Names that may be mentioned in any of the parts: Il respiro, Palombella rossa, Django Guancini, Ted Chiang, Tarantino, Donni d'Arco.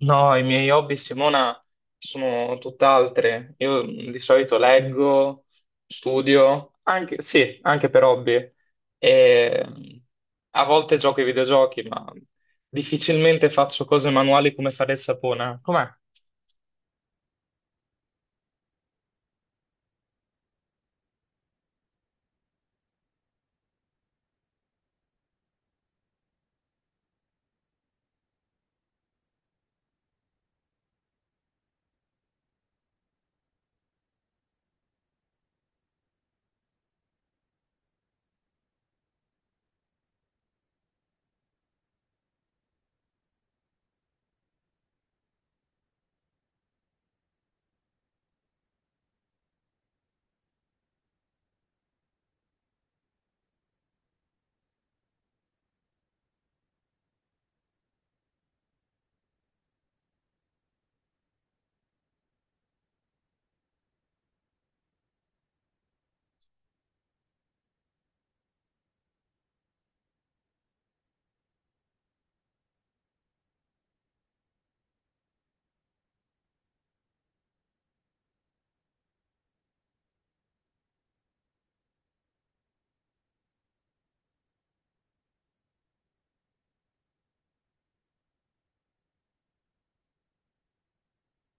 No, i miei hobby, Simona, sono tutt'altre. Io di solito leggo, studio, anche, sì, anche per hobby. E, mh, A volte gioco ai videogiochi, ma difficilmente faccio cose manuali come fare il sapone. Com'è?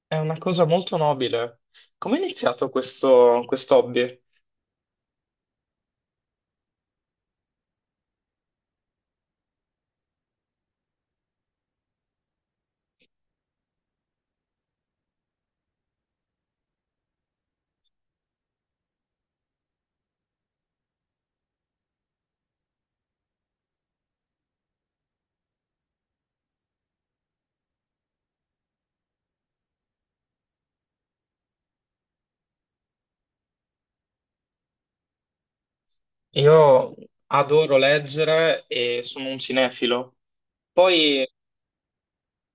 È una cosa molto nobile. Come è iniziato questo hobby? Io adoro leggere e sono un cinefilo. Poi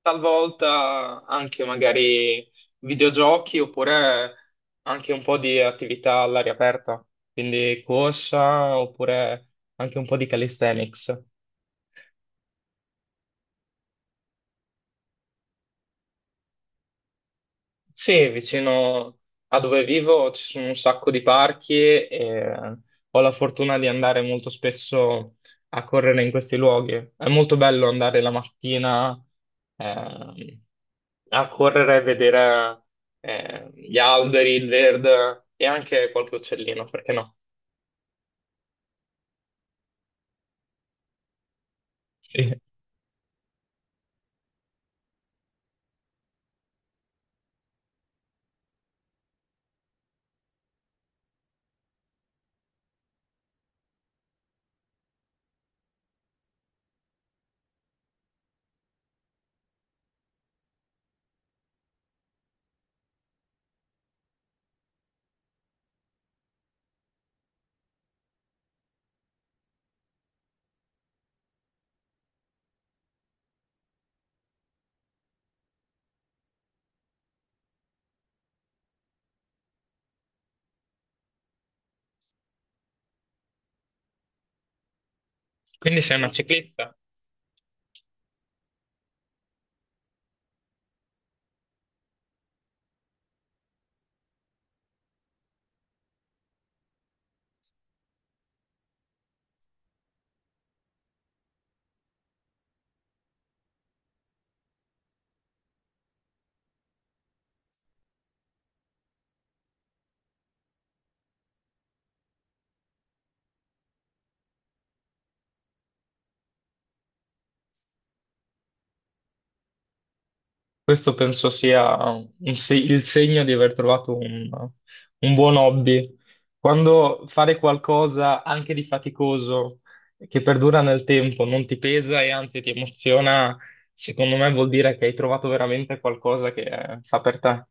talvolta anche magari videogiochi oppure anche un po' di attività all'aria aperta, quindi corsa oppure anche un po' di calisthenics. Sì, vicino a dove vivo ci sono un sacco di parchi e ho la fortuna di andare molto spesso a correre in questi luoghi. È molto bello andare la mattina. ehm, A correre e vedere gli alberi, il verde e anche qualche uccellino, perché no? Sì. Quindi sei una ciclista. Questo penso sia un se- il segno di aver trovato un buon hobby. Quando fare qualcosa anche di faticoso, che perdura nel tempo, non ti pesa e anzi ti emoziona, secondo me vuol dire che hai trovato veramente qualcosa che fa per te.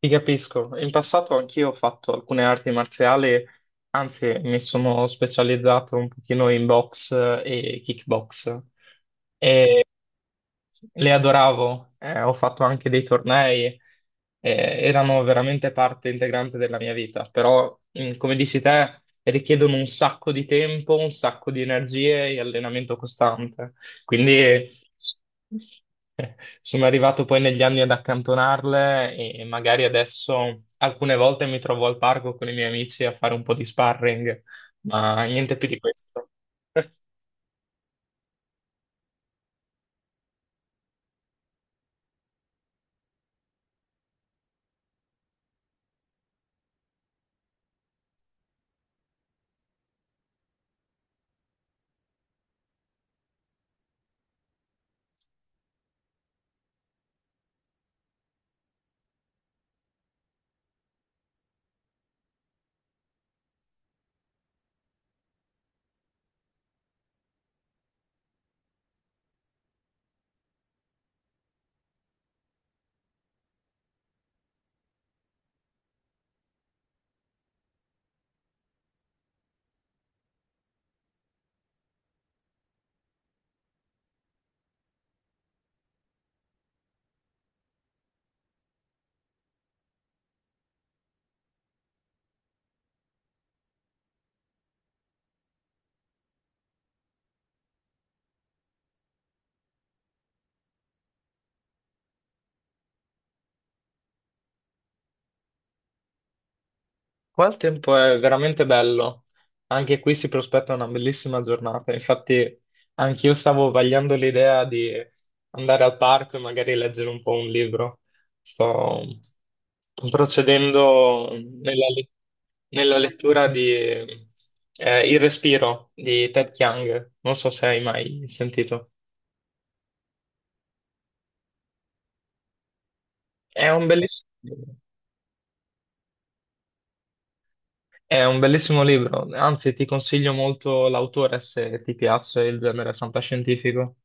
Ti capisco. In passato anch'io ho fatto alcune arti marziali, anzi mi sono specializzato un pochino in box e kickbox le adoravo, ho fatto anche dei tornei, eh, erano veramente parte integrante della mia vita, però, mm, come dici te, richiedono un sacco di tempo, un sacco di energie e allenamento costante. Quindi s- eh, sono arrivato poi negli anni ad accantonarle e magari adesso alcune volte mi trovo al parco con i miei amici a fare un po' di sparring, ma niente più di questo. Qua il tempo è veramente bello, anche qui si prospetta una bellissima giornata, infatti anch'io stavo vagliando l'idea di andare al parco e magari leggere un po' un libro. Sto procedendo nella, le- nella lettura di Il respiro di Ted Chiang, non so se hai mai sentito. È un belliss- è un bellissimo libro, anzi ti consiglio molto l'autore se ti piace il genere fantascientifico.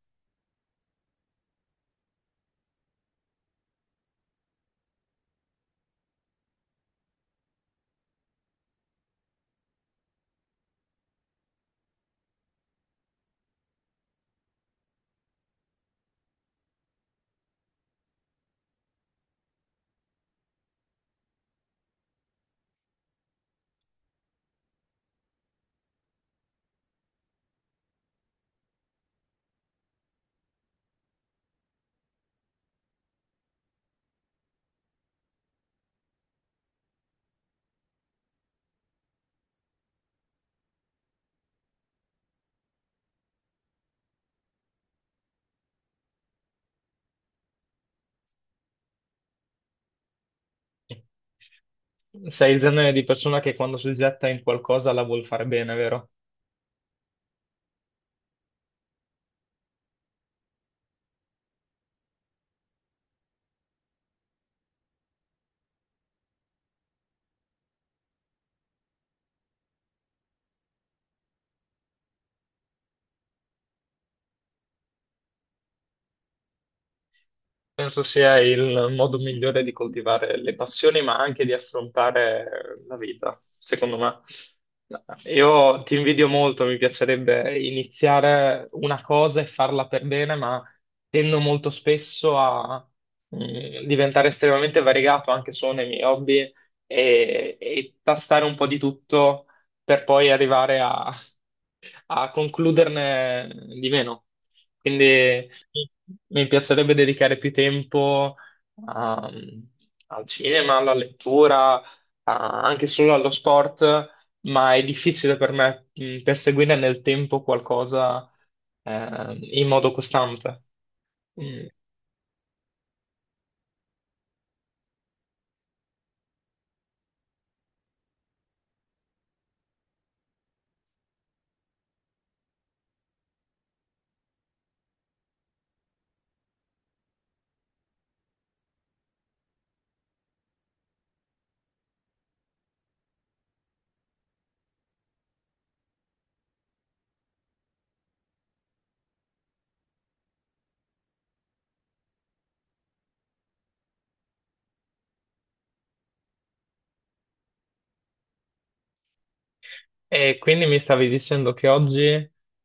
Sei il genere di persona che quando si getta in qualcosa la vuol fare bene, vero? Penso sia il modo migliore di coltivare le passioni, ma anche di affrontare la vita, secondo me. Io ti invidio molto, mi piacerebbe iniziare una cosa e farla per bene, ma tendo molto spesso a diventare estremamente variegato anche solo nei miei hobby e tastare un po' di tutto per poi arrivare a concluderne di meno. Quindi mi mi piacerebbe dedicare più tempo a- al cinema, alla lettura, anche solo allo sport, ma è difficile per me perseguire nel tempo qualcosa in modo costante. Mm, e quindi mi stavi dicendo che oggi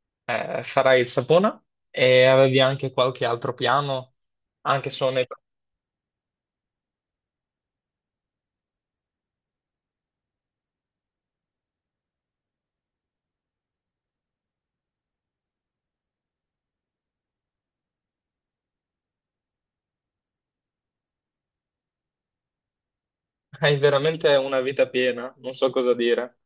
farai il sapone e avevi anche qualche altro piano, anche solo nei. Hai veramente una vita piena, non so cosa dire.